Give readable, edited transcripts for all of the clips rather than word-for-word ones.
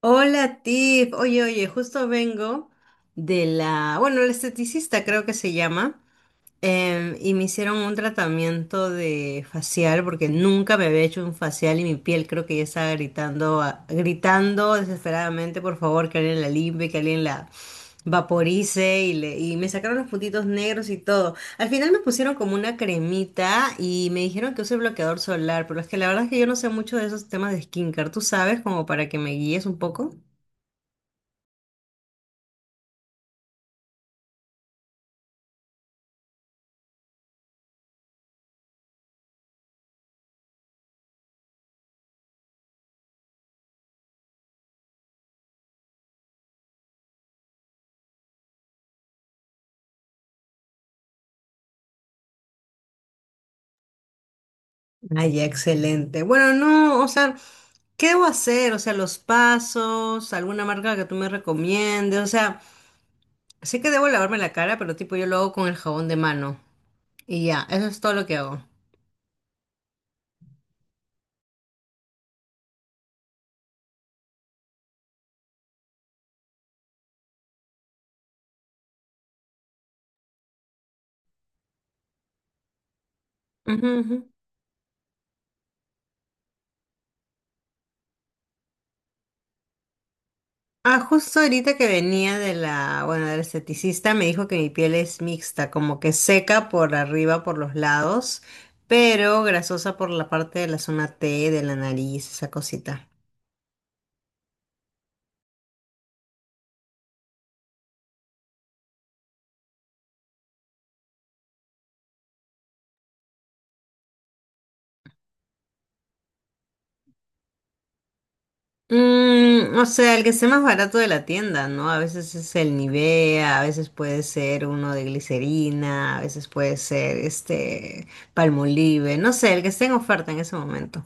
Hola Tiff, oye, oye, justo vengo de la, bueno, el esteticista creo que se llama, y me hicieron un tratamiento de facial porque nunca me había hecho un facial y mi piel creo que ya estaba gritando, gritando desesperadamente, por favor, que alguien la limpie, que alguien la vaporice y me sacaron los puntitos negros y todo. Al final me pusieron como una cremita y me dijeron que use bloqueador solar, pero es que la verdad es que yo no sé mucho de esos temas de skincare, ¿tú sabes? Como para que me guíes un poco. Ay, excelente. Bueno, no, o sea, ¿qué debo hacer? O sea, los pasos, alguna marca que tú me recomiendes. O sea, sé que debo lavarme la cara, pero tipo yo lo hago con el jabón de mano. Y ya, eso es todo lo que hago. Ujú, ujú. Ah, justo ahorita que venía de la, bueno, del esteticista me dijo que mi piel es mixta, como que seca por arriba, por los lados, pero grasosa por la parte de la zona T, de la nariz, esa cosita. Mm, o sea, el que esté más barato de la tienda, ¿no? A veces es el Nivea, a veces puede ser uno de glicerina, a veces puede ser este Palmolive, no sé, el que esté en oferta en ese momento.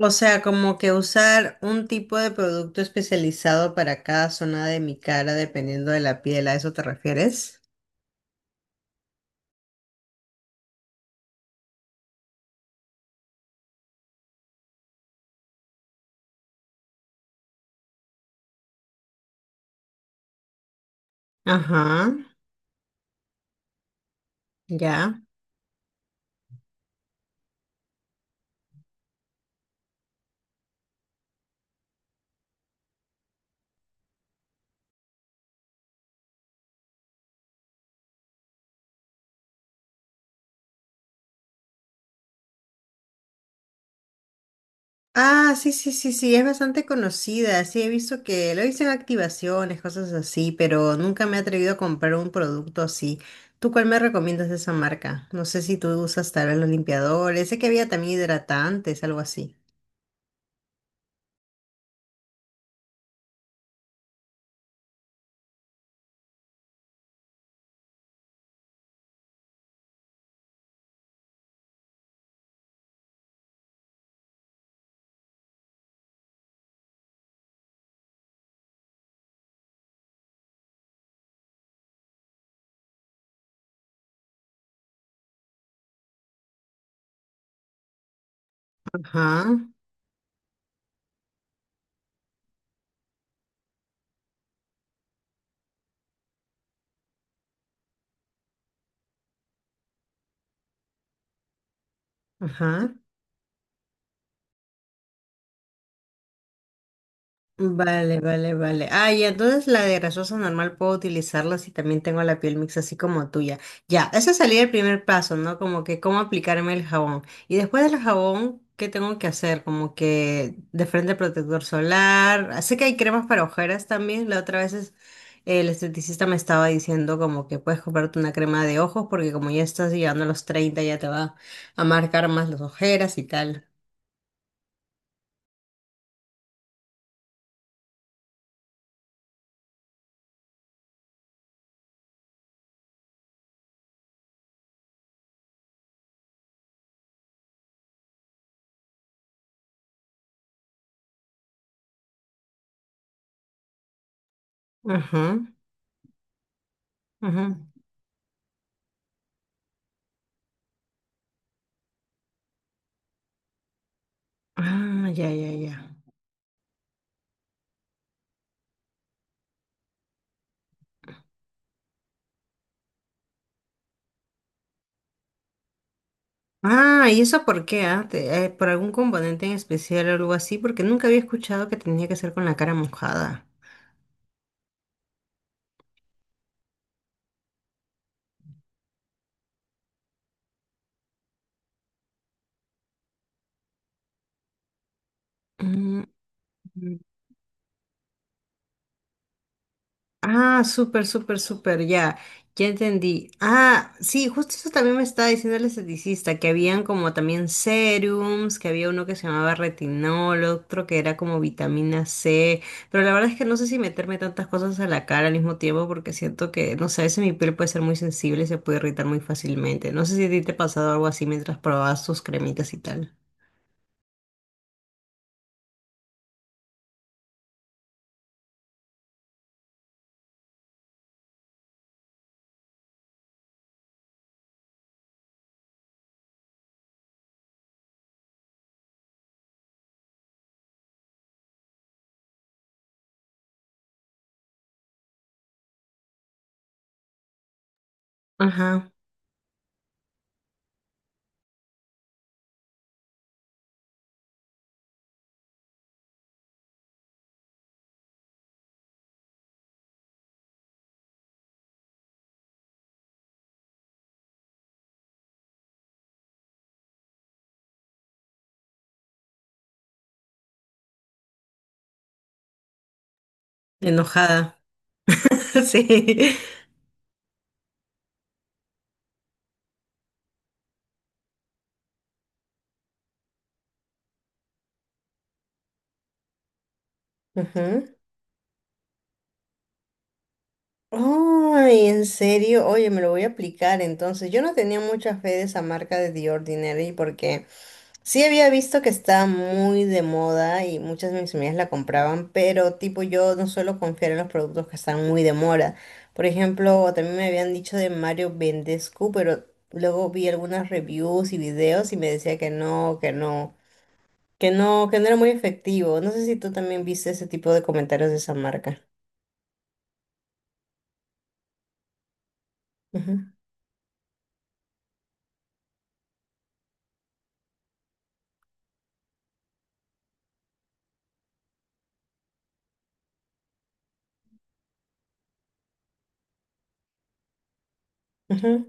O sea, como que usar un tipo de producto especializado para cada zona de mi cara dependiendo de la piel, ¿a eso te refieres? Ajá, ya. Ah, sí, sí, sí, sí, es bastante conocida. Sí, he visto que lo dicen activaciones, cosas así, pero nunca me he atrevido a comprar un producto así. ¿Tú cuál me recomiendas de esa marca? No sé si tú usas tal vez los limpiadores. Sé que había también hidratantes, algo así. Ajá, ajá. Vale, vale, vale. Ah, y entonces la de grasosa normal puedo utilizarla si también tengo la piel mixta así como tuya. Ya, ese sería el primer paso, ¿no? Como que cómo aplicarme el jabón. Y después del jabón, ¿qué tengo que hacer? Como que de frente protector solar. Ah, sé que hay cremas para ojeras también. La otra vez es- El esteticista me estaba diciendo como que puedes comprarte una crema de ojos porque como ya estás llegando a los 30 ya te va a marcar más las ojeras y tal. Ajá, ajá. Ah, ya, ya, ya. Ah, ¿y eso por qué? Ah? ¿Por algún componente en especial o algo así? Porque nunca había escuchado que tenía que ser con la cara mojada. Mm, mm. Ah, súper, súper, súper, ya, ya entendí. Ah, sí, justo eso también me estaba diciendo el esteticista, que habían como también serums, que había uno que se llamaba retinol, otro que era como vitamina C, pero la verdad es que no sé si meterme tantas cosas a la cara al mismo tiempo porque siento que, no sé, a veces mi piel puede ser muy sensible y se puede irritar muy fácilmente. No sé si a ti te ha pasado algo así mientras probabas tus cremitas y tal. Ajá, enojada. Sí. Ujú. Ay, en serio, oye, me lo voy a aplicar entonces. Yo no tenía mucha fe de esa marca de The Ordinary porque sí había visto que está muy de moda y muchas de mis amigas la compraban, pero tipo yo no suelo confiar en los productos que están muy de moda. Por ejemplo, también me habían dicho de Mario Vendescu, pero luego vi algunas reviews y videos y me decía que no, que no, que no, que no era muy efectivo. No sé si tú también viste ese tipo de comentarios de esa marca. Ujú,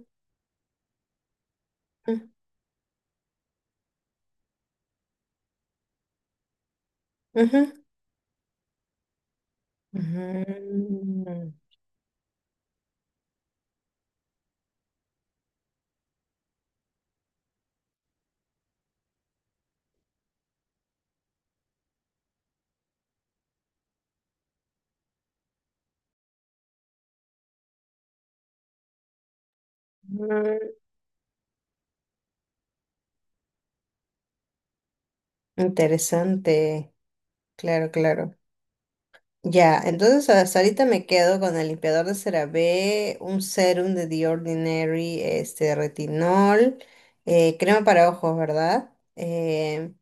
ujú, ujú, ujú, ujú. Interesante. Claro, claro. Ya, entonces hasta ahorita me quedo con el limpiador de CeraVe, un serum de The Ordinary, este retinol, crema para ojos, ¿verdad?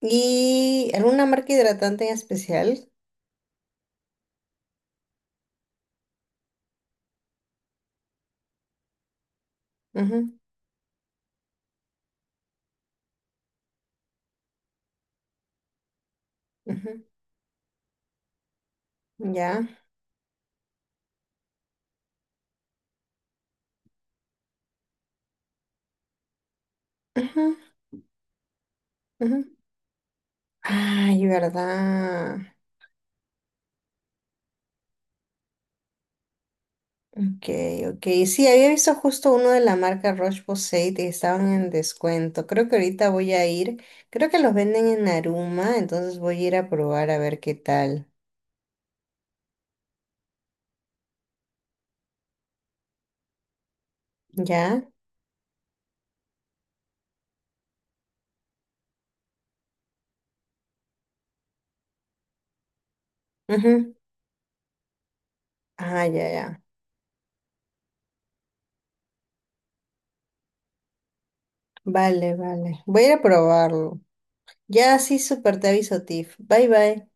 Y alguna marca hidratante en especial. Ujú, ujú, ya. Ujú, ujú. Ay, ¿verdad? Ok, ok. Sí, había visto justo uno de la marca Roche-Posay y estaban en descuento. Creo que ahorita voy a ir. Creo que los venden en Naruma, entonces voy a ir a probar a ver qué tal. ¿Ya? Ujú. Ah, ya, ya. Vale, vale. Voy a ir a probarlo. Ya, sí, súper, te aviso, Tiff. Bye, bye.